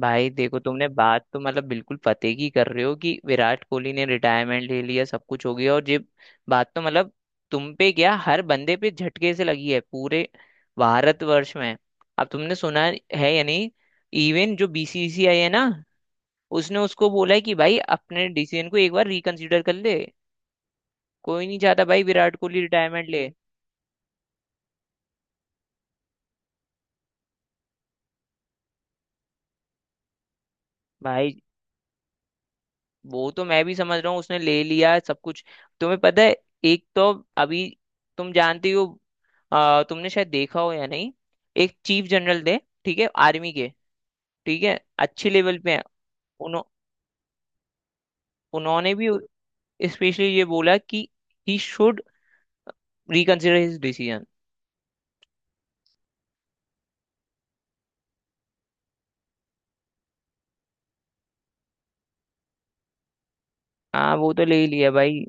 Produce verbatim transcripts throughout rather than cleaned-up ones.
भाई देखो, तुमने बात तो मतलब बिल्कुल पते की कर रहे हो कि विराट कोहली ने रिटायरमेंट ले लिया, सब कुछ हो गया और ये बात तो मतलब तुम पे क्या, हर बंदे पे झटके से लगी है पूरे भारतवर्ष में। अब तुमने सुना है या नहीं, इवन जो बीसीसीआई है ना, उसने उसको बोला है कि भाई अपने डिसीजन को एक बार रिकंसिडर कर ले। कोई नहीं चाहता भाई विराट कोहली रिटायरमेंट ले। भाई, वो तो मैं भी समझ रहा हूँ, उसने ले लिया है सब कुछ। तुम्हें पता है, एक तो अभी, तुम जानती हो, आ, तुमने शायद देखा हो या नहीं, एक चीफ जनरल थे, ठीक है, आर्मी के, ठीक है, अच्छे लेवल पे हैं। उन्हों, उन्होंने भी स्पेशली ये बोला कि he should reconsider his decision. हाँ वो तो ले ही लिया भाई।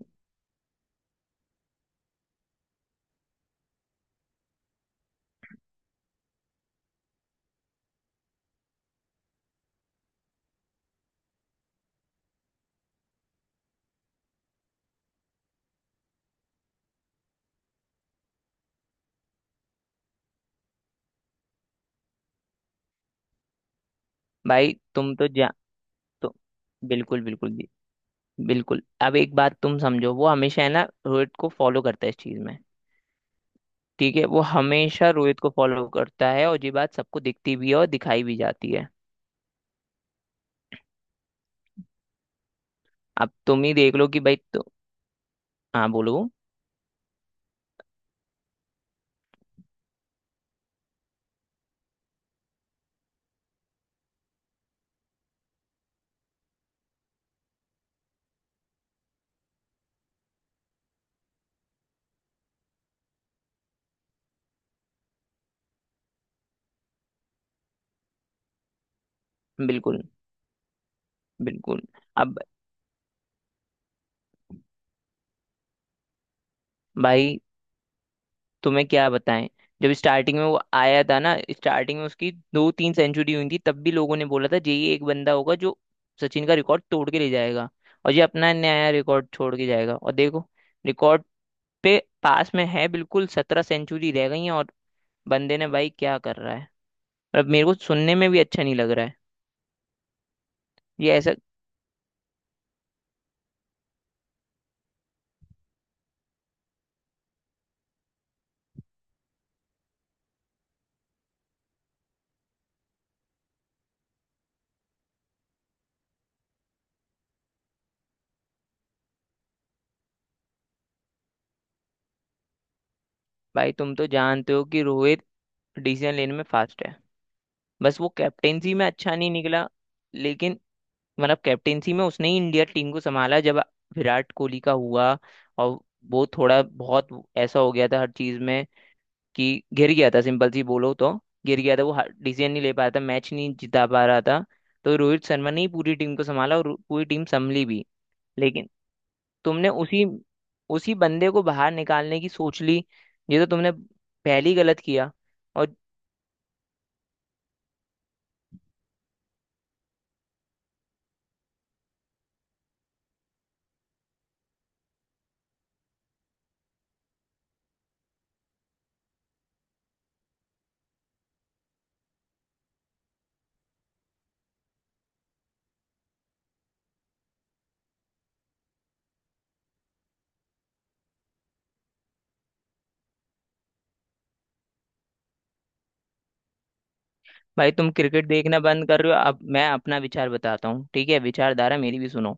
भाई तुम तो जा तो बिल्कुल बिल्कुल जी। बिल्कुल, अब एक बात तुम समझो, वो हमेशा है ना रोहित को फॉलो करता है इस चीज में। ठीक है, वो हमेशा रोहित को फॉलो करता है और ये बात सबको दिखती भी है और दिखाई भी जाती है। अब तुम ही देख लो कि भाई तो। हाँ बोलो। बिल्कुल बिल्कुल। अब भाई तुम्हें क्या बताएं, जब स्टार्टिंग में वो आया था ना, स्टार्टिंग में उसकी दो तीन सेंचुरी हुई थी, तब भी लोगों ने बोला था ये ही एक बंदा होगा जो सचिन का रिकॉर्ड तोड़ के ले जाएगा और ये अपना नया रिकॉर्ड छोड़ के जाएगा। और देखो, रिकॉर्ड पे पास में है, बिल्कुल सत्रह सेंचुरी रह गई हैं। और बंदे ने, भाई, क्या कर रहा है। अब मेरे को सुनने में भी अच्छा नहीं लग रहा है ये ऐसा। भाई तुम तो जानते हो कि रोहित डिसीजन लेने में फास्ट है। बस वो कैप्टेंसी में अच्छा नहीं निकला, लेकिन मतलब कैप्टेंसी में उसने ही इंडिया टीम को संभाला, जब विराट कोहली का हुआ और वो थोड़ा बहुत ऐसा हो गया था हर चीज में, कि गिर गया था, सिंपल सी बोलो तो गिर गया था वो। डिसीजन नहीं ले पा रहा था, मैच नहीं जिता पा रहा था, तो रोहित शर्मा ने ही पूरी टीम को संभाला और पूरी टीम संभली भी। लेकिन तुमने उसी उसी बंदे को बाहर निकालने की सोच ली, ये तो तुमने पहले ही गलत किया। और भाई तुम क्रिकेट देखना बंद कर रहे हो, अब मैं अपना विचार बताता हूँ। ठीक है, विचारधारा मेरी भी सुनो।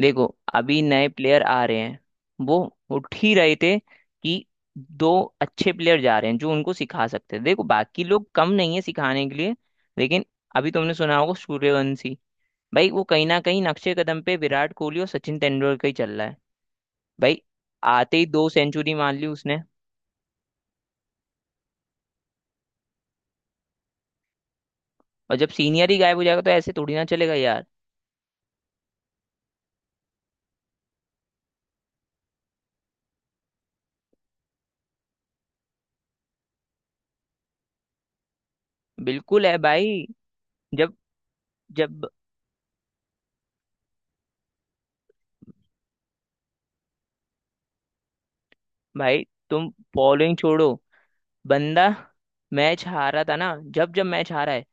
देखो, अभी नए प्लेयर आ रहे हैं, वो उठ ही रहे थे कि दो अच्छे प्लेयर जा रहे हैं जो उनको सिखा सकते हैं। देखो बाकी लोग कम नहीं है सिखाने के लिए, लेकिन अभी तुमने सुना होगा, सूर्यवंशी भाई वो कहीं ना कहीं नक्शे कदम पे विराट कोहली और सचिन तेंदुलकर ही चल रहा है। भाई आते ही दो सेंचुरी मान ली उसने। और जब सीनियर ही गायब हो जाएगा तो ऐसे थोड़ी ना चलेगा यार। बिल्कुल है भाई। जब जब भाई, तुम बॉलिंग छोड़ो, बंदा मैच हारा था ना, जब जब मैच हारा है,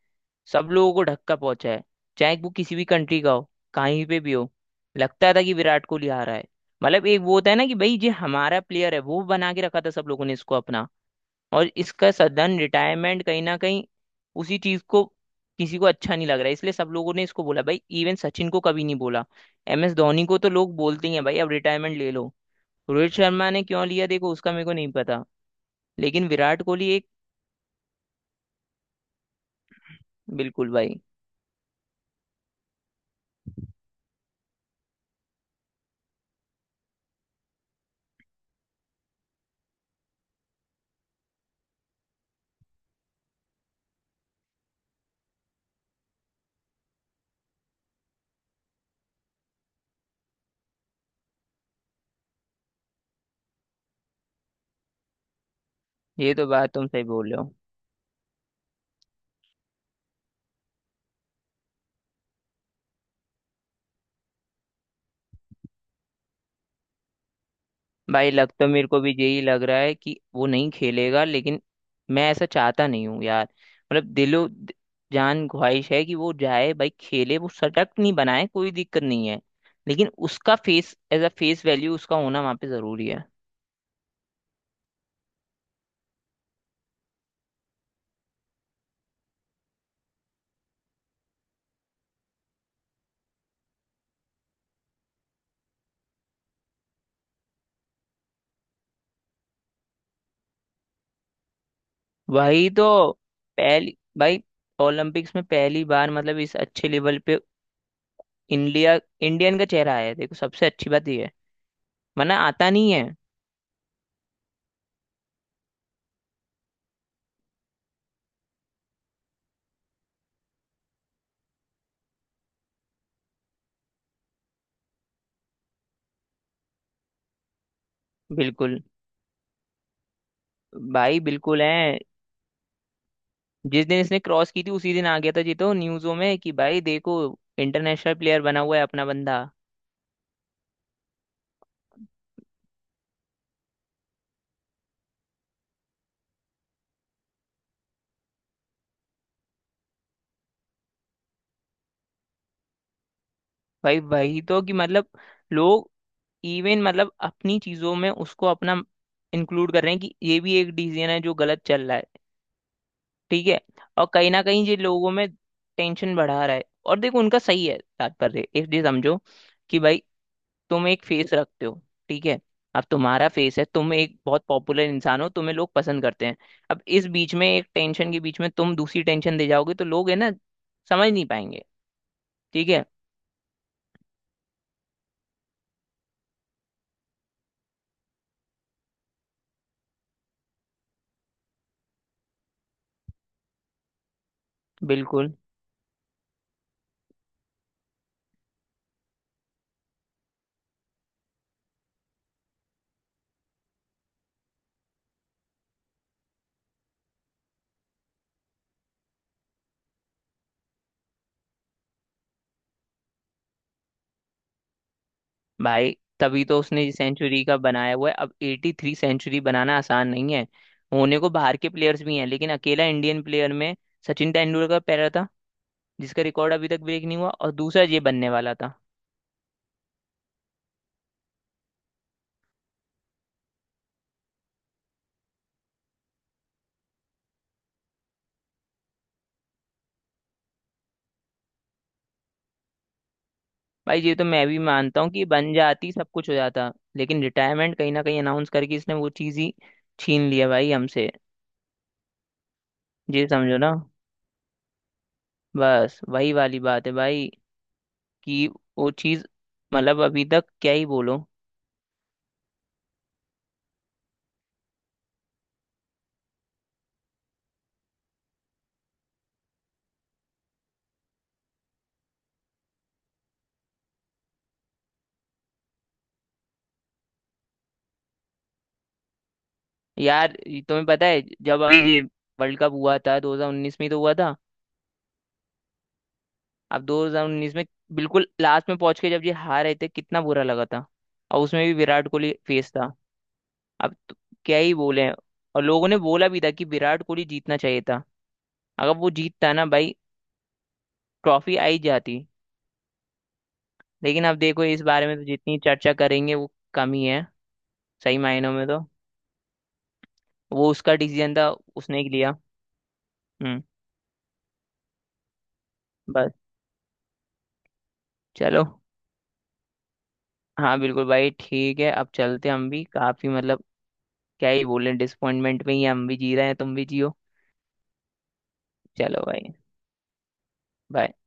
सब लोगों को धक्का पहुंचा है, चाहे वो किसी भी कंट्री का हो, कहीं पे भी हो। लगता था कि विराट कोहली हारा है। मतलब एक वो होता है ना कि भाई ये हमारा प्लेयर है, वो बना के रखा था सब लोगों ने इसको अपना। और इसका सदन रिटायरमेंट कहीं ना कहीं उसी चीज को, किसी को अच्छा नहीं लग रहा है, इसलिए सब लोगों ने इसको बोला भाई, इवन सचिन को कभी नहीं बोला। एम एस धोनी को तो लोग बोलते ही हैं भाई अब रिटायरमेंट ले लो। रोहित शर्मा ने क्यों लिया, देखो उसका मेरे को नहीं पता, लेकिन विराट कोहली एक। बिल्कुल भाई, ये तो बात तुम सही बोल रहे हो। भाई लग तो मेरे को भी यही लग रहा है कि वो नहीं खेलेगा, लेकिन मैं ऐसा चाहता नहीं हूँ यार। मतलब दिलो द- जान ख्वाहिश है कि वो जाए भाई, खेले, वो शतक नहीं बनाए कोई दिक्कत नहीं है, लेकिन उसका face, as a face value, उसका होना वहां पे जरूरी है। वही तो। पहली भाई, ओलंपिक्स में पहली बार मतलब इस अच्छे लेवल पे इंडिया इंडियन का चेहरा आया है, देखो सबसे अच्छी बात ये है, वरना आता नहीं है। बिल्कुल भाई, बिल्कुल है। जिस दिन इसने क्रॉस की थी उसी दिन आ गया था जी तो न्यूज़ों में कि भाई देखो इंटरनेशनल प्लेयर बना हुआ है अपना बंदा। भाई वही तो, कि मतलब लोग इवन मतलब अपनी चीजों में उसको अपना इंक्लूड कर रहे हैं कि ये भी एक डिसीजन है जो गलत चल रहा है। ठीक है। और कहीं ना कहीं ये लोगों में टेंशन बढ़ा रहा है। और देखो, उनका सही है तात्पर्य, इफ ये समझो, कि भाई तुम एक फेस रखते हो, ठीक है, अब तुम्हारा फेस है, तुम एक बहुत पॉपुलर इंसान हो, तुम्हें लोग पसंद करते हैं। अब इस बीच में, एक टेंशन के बीच में तुम दूसरी टेंशन दे जाओगे, तो लोग है ना, समझ नहीं पाएंगे। ठीक है। बिल्कुल भाई, तभी तो उसने सेंचुरी का बनाया हुआ है। अब एटी थ्री सेंचुरी बनाना आसान नहीं है, होने को बाहर के प्लेयर्स भी हैं, लेकिन अकेला इंडियन प्लेयर में सचिन तेंदुलकर पहला था जिसका रिकॉर्ड अभी तक ब्रेक नहीं हुआ, और दूसरा ये बनने वाला था। भाई ये तो मैं भी मानता हूँ कि बन जाती, सब कुछ हो जाता, लेकिन रिटायरमेंट कहीं ना कहीं अनाउंस करके इसने वो चीज ही छीन लिया भाई हमसे। ये समझो ना, बस वही वाली बात है भाई, कि वो चीज, मतलब अभी तक क्या ही बोलो। यार ये तुम्हें पता है, जब अभी ये वर्ल्ड कप हुआ था दो हज़ार उन्नीस में ही तो हुआ था। अब दो हज़ार उन्नीस में बिल्कुल लास्ट में पहुंच के जब ये हार रहे थे, कितना बुरा लगा था, और उसमें भी विराट कोहली फेस था। अब तो क्या ही बोले। और लोगों ने बोला भी था कि विराट कोहली जीतना चाहिए था। अगर वो जीतता ना भाई, ट्रॉफी आई जाती। लेकिन अब देखो, इस बारे में तो जितनी चर्चा करेंगे वो कम ही है। सही मायनों में तो वो उसका डिसीजन था, उसने ही लिया। हम्म। बस। चलो। हाँ बिल्कुल भाई, ठीक है, अब चलते हैं, हम भी काफी मतलब क्या ही बोले, डिसअपॉइंटमेंट में ही हम भी जी रहे हैं, तुम भी जियो। चलो भाई। bye।